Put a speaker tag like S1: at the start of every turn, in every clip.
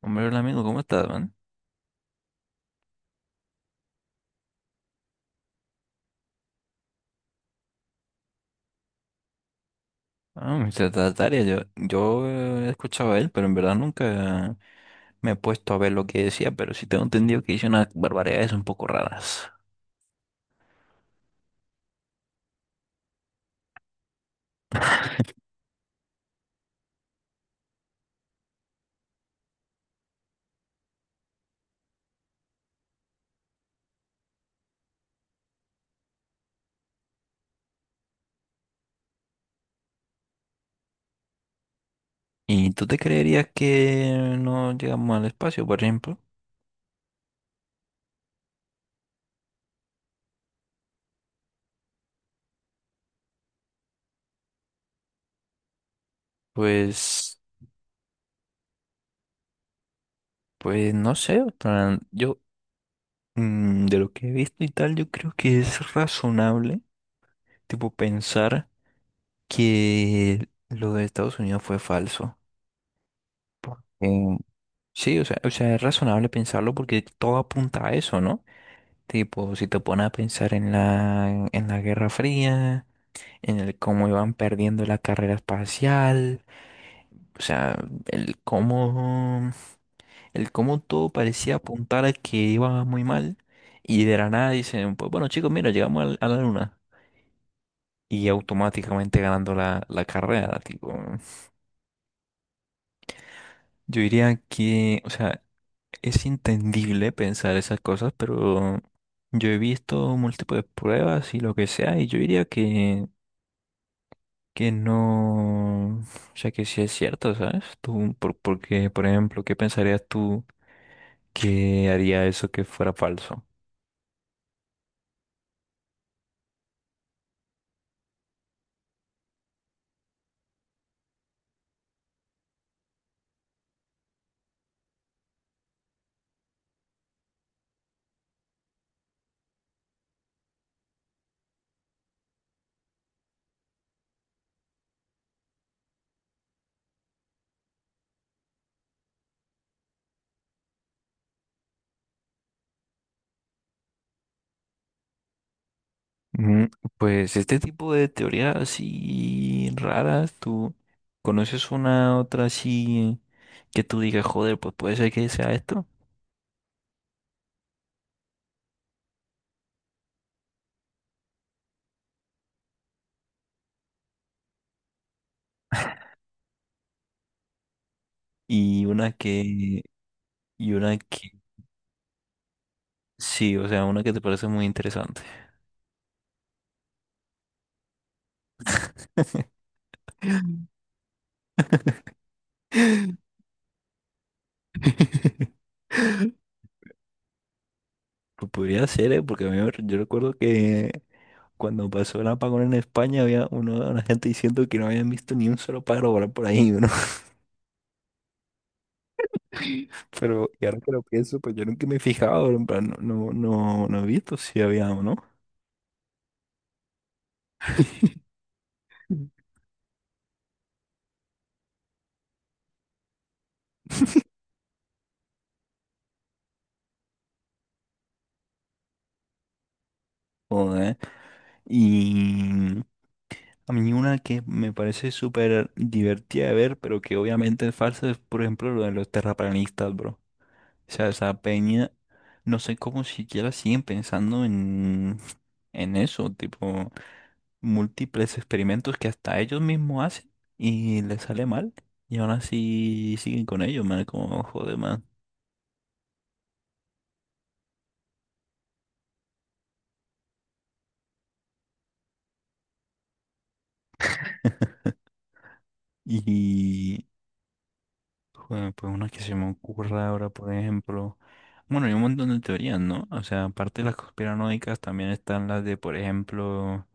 S1: Hombre, hola amigo, ¿cómo estás, man? Ah, Mr. Tartaria, yo he escuchado a él, pero en verdad nunca me he puesto a ver lo que decía, pero sí tengo entendido que dice unas barbaridades un poco raras. ¿Y tú te creerías que no llegamos al espacio, por ejemplo? Pues, pues no sé, o sea, yo de lo que he visto y tal, yo creo que es razonable, tipo, pensar que lo de Estados Unidos fue falso. Porque sí, o sea, es razonable pensarlo porque todo apunta a eso, ¿no? Tipo, si te pones a pensar en en la Guerra Fría, en el cómo iban perdiendo la carrera espacial, o sea, el cómo, el cómo todo parecía apuntar a que iba muy mal y de la nada dicen, pues bueno chicos, mira, a la luna y automáticamente ganando la carrera, tipo, yo diría que, o sea, es entendible pensar esas cosas, pero yo he visto múltiples pruebas y lo que sea, y yo diría que no, o sea, que sí es cierto, ¿sabes? Tú, porque, por ejemplo, ¿qué pensarías tú que haría eso que fuera falso? Mm, Pues este tipo de teorías así raras, ¿tú conoces una otra así que tú digas, joder, pues puede ser que sea esto, y una que, y una que... Sí, o sea, una que te parece muy interesante. Pues podría ser, ¿eh? Porque a mí, yo recuerdo que cuando pasó el apagón en España había una gente diciendo que no habían visto ni un solo pájaro volar por ahí, ¿no? Pero y ahora que lo pienso, pues yo nunca me he fijado, en plan, no he visto si había o no. Mm. Joder. Y a mí una que me parece súper divertida de ver, pero que obviamente es falsa, es por ejemplo lo de los terraplanistas, bro. O sea, esa peña, no sé cómo siquiera siguen pensando en eso, tipo, múltiples experimentos que hasta ellos mismos hacen y les sale mal. Y aún así siguen con ellos, man, como joder, man. Y, joder, pues una que se me ocurra ahora, por ejemplo. Bueno, hay un montón de teorías, ¿no? O sea, aparte de las conspiranoicas, también están las de, por ejemplo,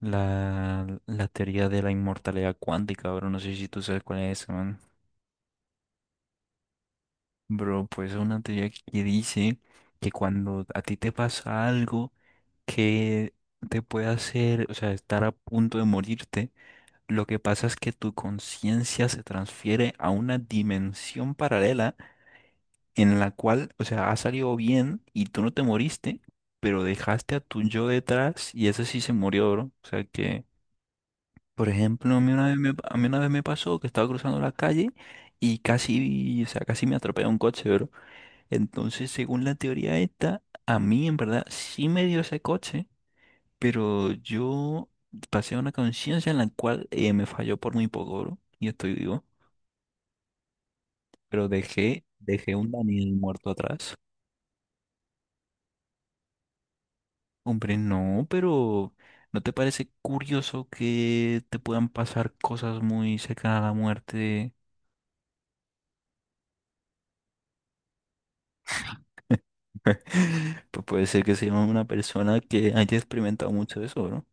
S1: la teoría de la inmortalidad cuántica. Ahora no sé si tú sabes cuál es esa, man. Bro, pues es una teoría que dice que cuando a ti te pasa algo que te puede hacer, o sea, estar a punto de morirte, lo que pasa es que tu conciencia se transfiere a una dimensión paralela en la cual, o sea, ha salido bien y tú no te moriste, pero dejaste a tu yo detrás y ese sí se murió, bro. O sea que, por ejemplo, a mí una vez me pasó que estaba cruzando la calle y casi, o sea, casi me atropelló un coche, bro. Entonces, según la teoría esta, a mí en verdad sí me dio ese coche, pero yo pasé una conciencia en la cual me falló por muy poco, bro, y estoy vivo, pero dejé un Daniel muerto atrás. Hombre, no, pero ¿no te parece curioso que te puedan pasar cosas muy cercanas a la muerte? Pues puede ser que sea una persona que haya experimentado mucho eso.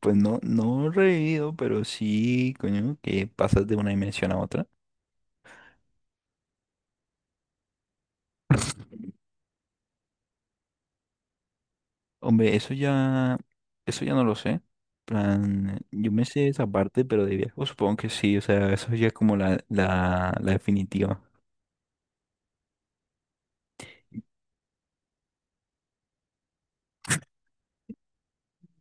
S1: Pues no, no revivido, pero sí, coño, que pasas de una dimensión a otra. Hombre, eso ya no lo sé. Plan, yo me sé esa parte, pero de viejo supongo que sí, o sea, eso ya es como la definitiva.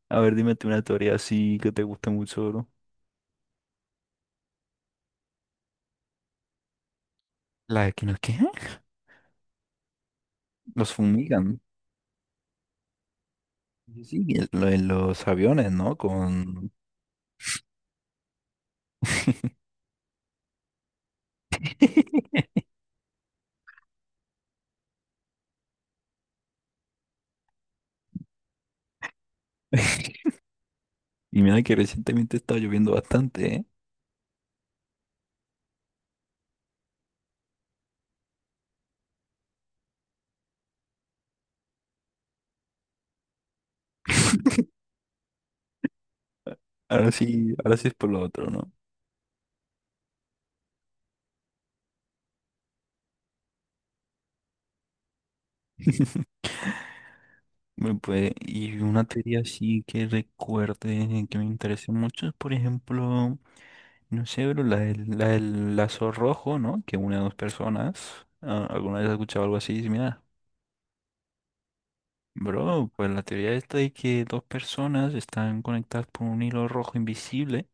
S1: A ver, dime tú una teoría así que te guste mucho, bro. La de que no, ¿qué? Los fumigan. Sí, sí, lo de los aviones, ¿no? Con... Y mira que recientemente estaba lloviendo bastante, ¿eh? Ahora sí es por lo otro, ¿no? Bueno, pues, y una teoría así que recuerde que me interese mucho es, por ejemplo, no sé, bro, la la del lazo rojo, ¿no? Que une a dos personas. Ah, ¿alguna vez has escuchado algo así similar? Bro, pues la teoría esta de que dos personas están conectadas por un hilo rojo invisible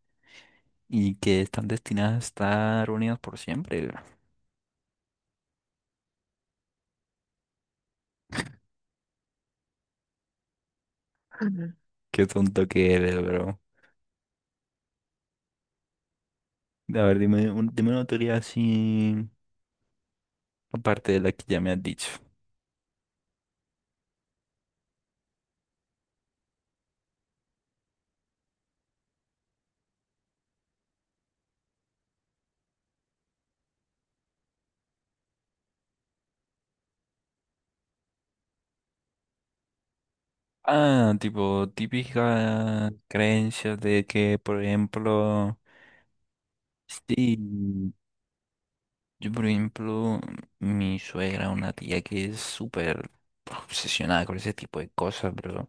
S1: y que están destinadas a estar unidas por siempre, bro. Ujú. Qué tonto que eres, bro. A ver, dime, dime una teoría así aparte de la que ya me has dicho. Ah, tipo, típica creencia de que, por ejemplo, sí, yo, por ejemplo, mi suegra, una tía que es súper obsesionada con ese tipo de cosas, bro,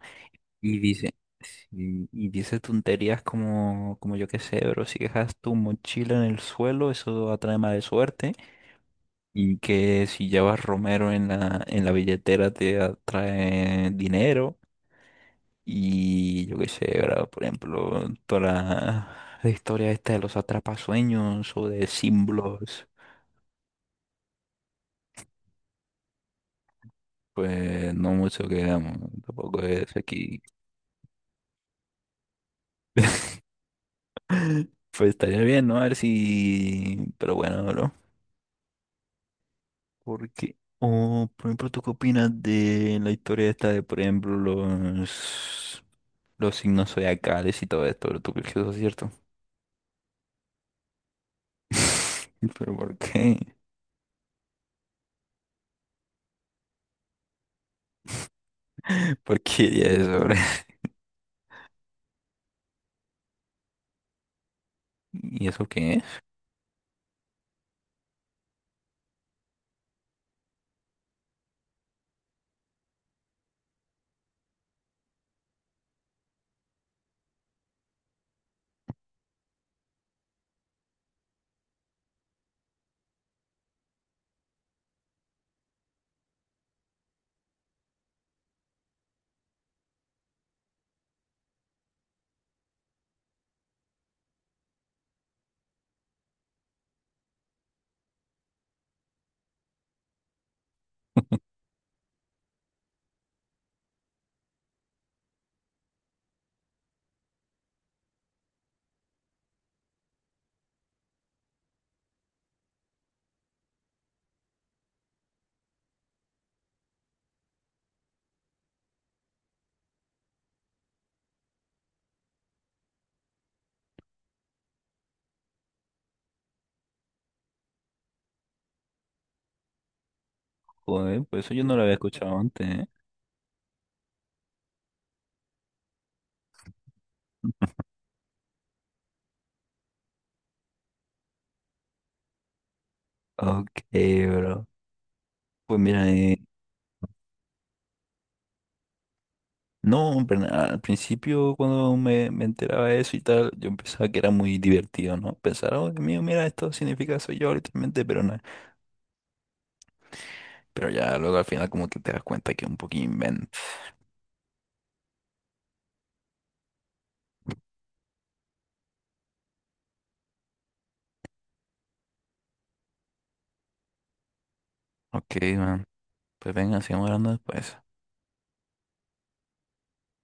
S1: y dice, sí, y dice tonterías como, como yo qué sé, bro, si dejas tu mochila en el suelo, eso atrae mala suerte, y que si llevas romero en en la billetera te atrae dinero. Y yo qué sé, ¿verdad? Por ejemplo, toda la historia esta de los atrapasueños o de símbolos, pues no mucho que veamos, tampoco es aquí. Pues estaría bien, ¿no? A ver si... Pero bueno, bro. Porque... O, por ejemplo, ¿tú qué opinas de la historia esta de, por ejemplo, los signos zodiacales y todo esto, bro? ¿Tú crees que eso es cierto? ¿Pero por qué? ¿Por qué diría eso, bro? ¿Y eso qué es? Joder, pues eso yo no lo había escuchado antes, ¿eh? Ok, bro. Pues mira, no, en plan, al principio cuando me enteraba de eso y tal, yo pensaba que era muy divertido, ¿no? Pensar, oh, Dios mío, mira, esto significa soy yo literalmente, pero no. Pero ya luego al final como que te das cuenta que es un poquito invento. Ok, man. Pues venga, sigamos hablando después.